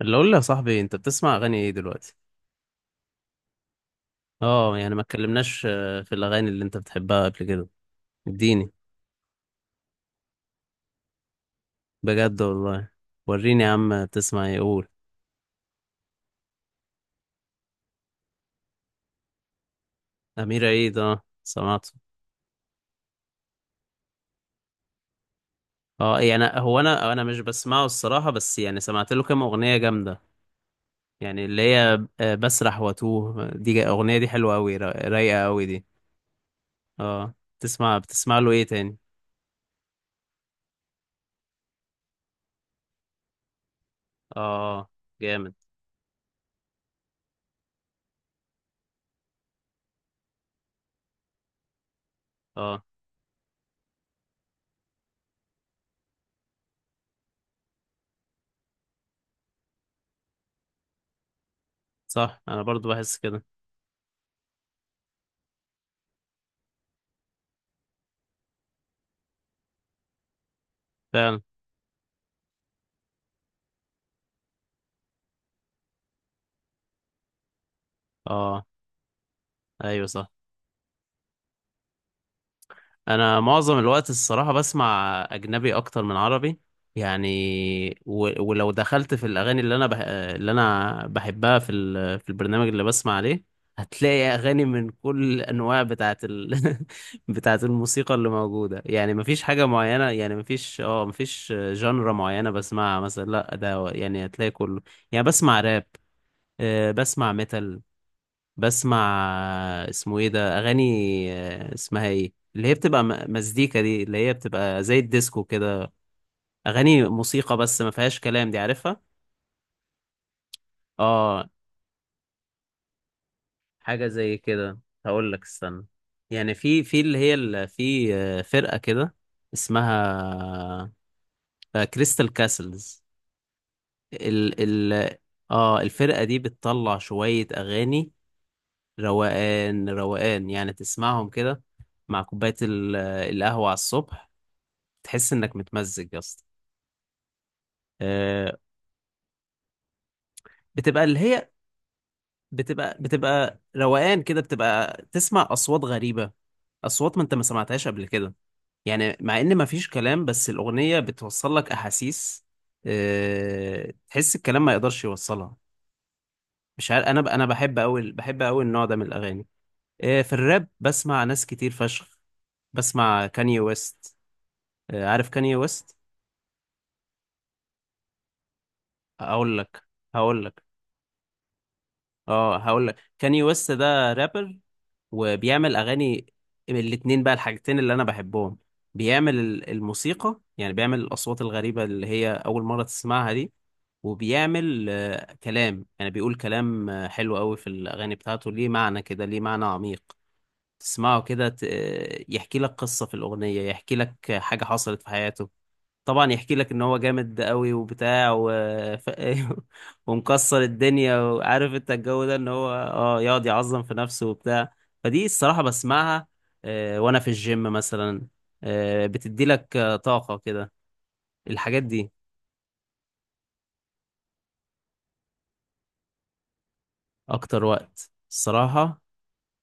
اللي اقول لك يا صاحبي، انت بتسمع اغاني ايه دلوقتي؟ اه يعني ما اتكلمناش. في الاغاني اللي انت بتحبها قبل كده. اديني. بجد والله. وريني يا عم، بتسمع ايه، قول. امير عيد، اه سمعته. اه يعني هو انا مش بسمعه الصراحه، بس يعني سمعت له كام اغنيه جامده. يعني اللي هي، بسرح واتوه دي، اغنيه دي حلوه قوي، رايقه قوي دي. اه، بتسمع له ايه تاني؟ اه جامد. اه صح. انا برضو بحس كده. فعلا. اه ايوه صح. انا معظم الوقت الصراحه بسمع اجنبي اكتر من عربي. يعني ولو دخلت في الاغاني اللي انا بحبها في البرنامج اللي بسمع عليه، هتلاقي اغاني من كل الانواع بتاعه الموسيقى اللي موجوده. يعني مفيش حاجه معينه. يعني مفيش اه مفيش جانرا معينه بسمعها مثلا، لا ده يعني هتلاقي كله. يعني بسمع راب، بسمع ميتال. بسمع، اسمه ايه ده، اغاني، اسمها ايه، اللي هي بتبقى مزيكا دي، اللي هي بتبقى زي الديسكو كده. اغاني موسيقى بس ما فيهاش كلام، دي عارفها. اه حاجه زي كده، هقول لك استنى. يعني في اللي هي في فرقه كده، اسمها كريستال كاسلز. ال ال اه الفرقه دي بتطلع شويه اغاني روقان روقان، يعني تسمعهم كده مع كوبايه القهوه على الصبح، تحس انك متمزج يا اسطى. آه، بتبقى اللي هي، بتبقى روقان كده، بتبقى تسمع اصوات غريبه، اصوات ما انت ما سمعتهاش قبل كده. يعني مع ان ما فيش كلام بس الاغنيه بتوصل لك احاسيس، تحس الكلام ما يقدرش يوصلها. مش عارف، انا بحب قوي، بحب قوي النوع ده من الاغاني. في الراب بسمع ناس كتير فشخ. بسمع كاني ويست. عارف كاني ويست؟ هقول لك هقول لك. اه هقول لك، كاني ويست ده رابر وبيعمل اغاني من الاتنين بقى، الحاجتين اللي انا بحبهم. بيعمل الموسيقى، يعني بيعمل الاصوات الغريبه اللي هي اول مره تسمعها دي، وبيعمل كلام. يعني بيقول كلام حلو قوي في الاغاني بتاعته، ليه معنى كده، ليه معنى عميق. تسمعه كده يحكي لك قصه في الاغنيه، يحكي لك حاجه حصلت في حياته. طبعا يحكي لك ان هو جامد قوي وبتاع ف... ومكسر الدنيا، وعارف انت الجو ده ان هو اه يقعد يعظم في نفسه وبتاع. فدي الصراحة بسمعها وانا في الجيم مثلا، بتدي لك طاقة كده الحاجات دي. اكتر وقت الصراحة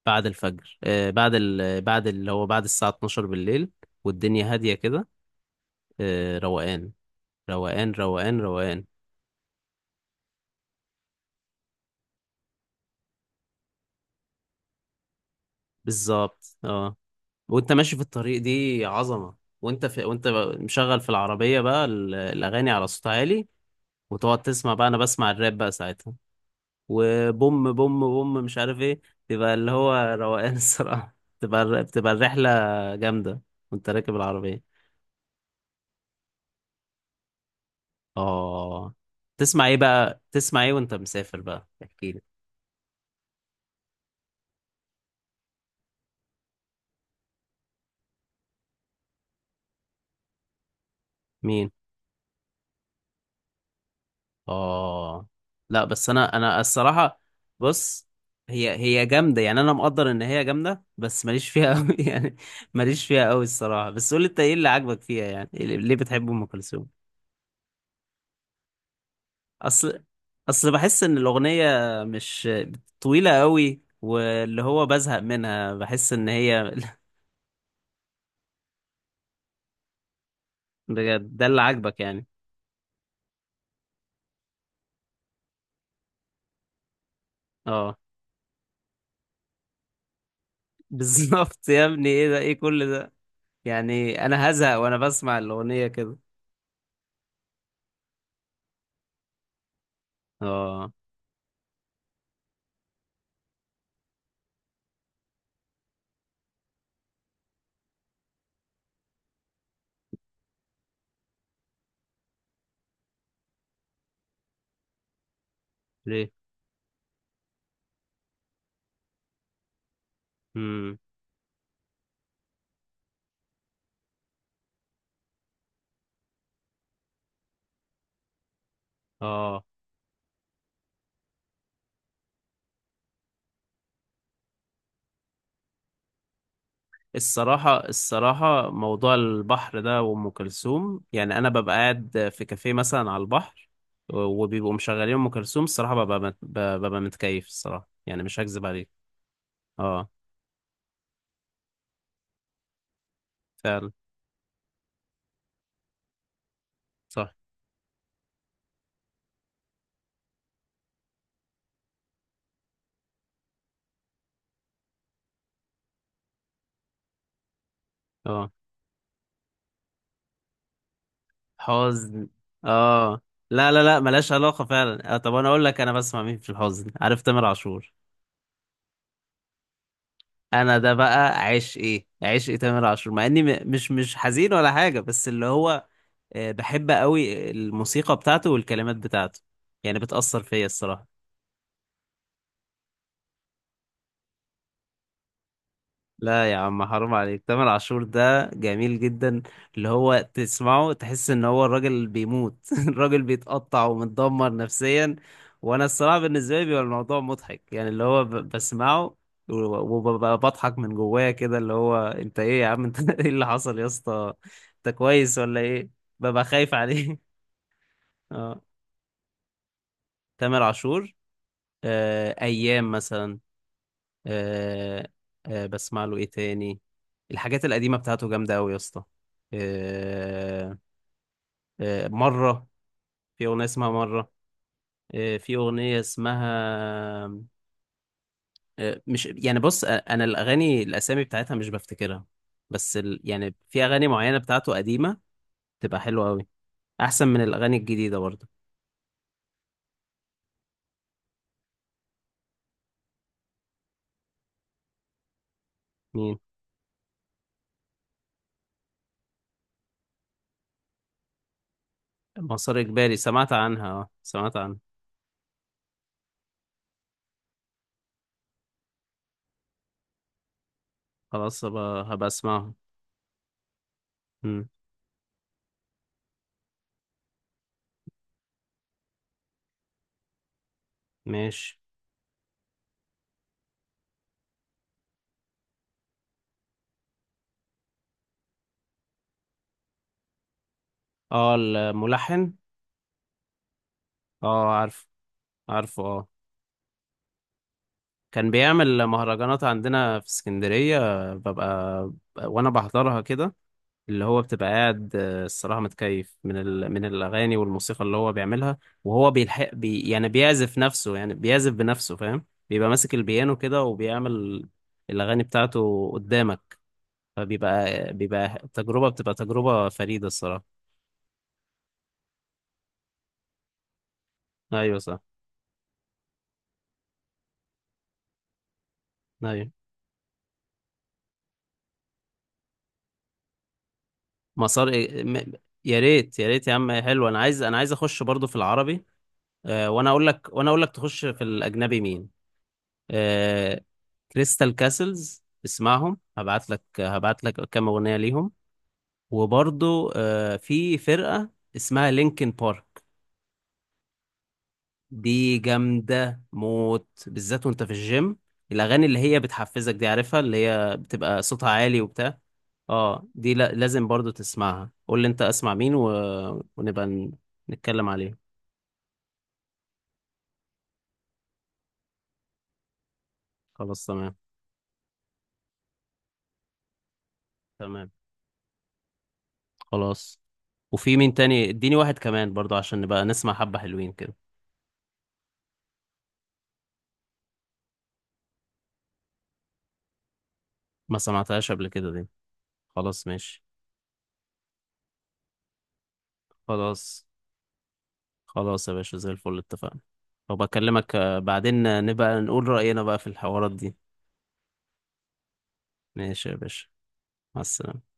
بعد الفجر، بعد بعد اللي هو بعد الساعة 12 بالليل، والدنيا هادية كده، روقان روقان روقان روقان. بالظبط اه. وانت ماشي في الطريق دي عظمة، وانت وانت مشغل في العربية بقى الأغاني على صوت عالي، وتقعد تسمع بقى. أنا بسمع الراب بقى ساعتها، وبوم بوم بوم مش عارف ايه، تبقى اللي هو روقان الصراحة. تبقى بتبقى الرحلة جامدة وانت راكب العربية. اه تسمع ايه بقى؟ تسمع ايه وانت مسافر بقى؟ احكيلي مين. اه لا بس انا الصراحه، بص، هي جامده، يعني انا مقدر ان هي جامده بس ماليش فيها قوي يعني. ماليش فيها قوي الصراحه، بس قول لي انت ايه اللي عاجبك فيها، يعني إيه ليه بتحب ام كلثوم؟ اصل اصل بحس ان الاغنيه مش طويله قوي، واللي هو بزهق منها، بحس ان هي بجد ده اللي عاجبك يعني؟ اه بالظبط يا ابني، ايه ده، ايه كل ده؟ يعني انا هزهق وانا بسمع الاغنيه كده. اه ليه؟ امم اه. الصراحة، الصراحة موضوع البحر ده وأم كلثوم، يعني أنا ببقى قاعد في كافيه مثلا على البحر، وبيبقوا مشغلين أم كلثوم، الصراحة ببقى متكيف الصراحة، يعني مش هكذب عليك. اه فعلا صح. اه حزن. اه لا لا لا، ملهاش علاقة فعلا. آه طب أنا أقول لك، أنا بسمع مين في الحزن، عارف تامر عاشور؟ أنا ده بقى عشقي، عشقي تامر عاشور مع إني مش حزين ولا حاجة، بس اللي هو بحب قوي الموسيقى بتاعته والكلمات بتاعته، يعني بتأثر فيا الصراحة. لا يا عم، حرام عليك، تامر عاشور ده جميل جدا. اللي هو تسمعه تحس ان هو الراجل بيموت الراجل بيتقطع ومتدمر نفسيا. وانا الصراحة بالنسبة لي بيبقى الموضوع مضحك يعني، اللي هو بسمعه وببقى بضحك من جوايا كده، اللي هو انت ايه يا عم انت ايه اللي حصل يا اسطى، انت كويس ولا ايه؟ ببقى خايف عليه. اه تامر عاشور، ايام مثلا. آه، آه بسمع له ايه تاني؟ الحاجات القديمة بتاعته جامدة أوي يا اسطى. آه، آه مرة، في أغنية اسمها مرة. آه في أغنية اسمها، آه مش يعني، بص، أنا الأغاني الأسامي بتاعتها مش بفتكرها، بس يعني في أغاني معينة بتاعته قديمة تبقى حلوة أوي، أحسن من الأغاني الجديدة برضه. مين؟ مسار إجباري، سمعت عنها، اه سمعت عنها. خلاص هبقى أسمعها. مم، ماشي. اه الملحن. اه عارف، عارفه اه. كان بيعمل مهرجانات عندنا في اسكندرية، ببقى وانا بحضرها كده. اللي هو بتبقى قاعد، الصراحة متكيف من من الأغاني والموسيقى اللي هو بيعملها، وهو يعني بيعزف نفسه، يعني بيعزف بنفسه فاهم. بيبقى ماسك البيانو كده وبيعمل الأغاني بتاعته قدامك، فبيبقى تجربة، بتبقى تجربة فريدة الصراحة. أيوة صح. أيوة مسار يا ريت، يا ريت يا عم، حلو، أنا عايز أخش برضو في العربي. وانا اقول لك، وانا اقول لك تخش في الاجنبي مين؟ آه، كريستال كاسلز، اسمعهم، هبعت لك كام اغنيه ليهم. وبرضو في فرقه اسمها لينكن بارك، دي جامده موت بالذات وانت في الجيم. الاغاني اللي هي بتحفزك دي عارفها، اللي هي بتبقى صوتها عالي وبتاع. اه دي لا لازم برضو تسمعها. قول لي انت اسمع مين ونبقى نتكلم عليه. خلاص تمام. تمام خلاص. وفي مين تاني، اديني واحد كمان برضو عشان نبقى نسمع حبة حلوين كده. ما سمعتهاش قبل كده دي. خلاص ماشي. خلاص. خلاص يا باشا، زي الفل، اتفقنا. وبكلمك بعدين نبقى نقول رأينا بقى في الحوارات دي. ماشي يا باشا. مع السلامة.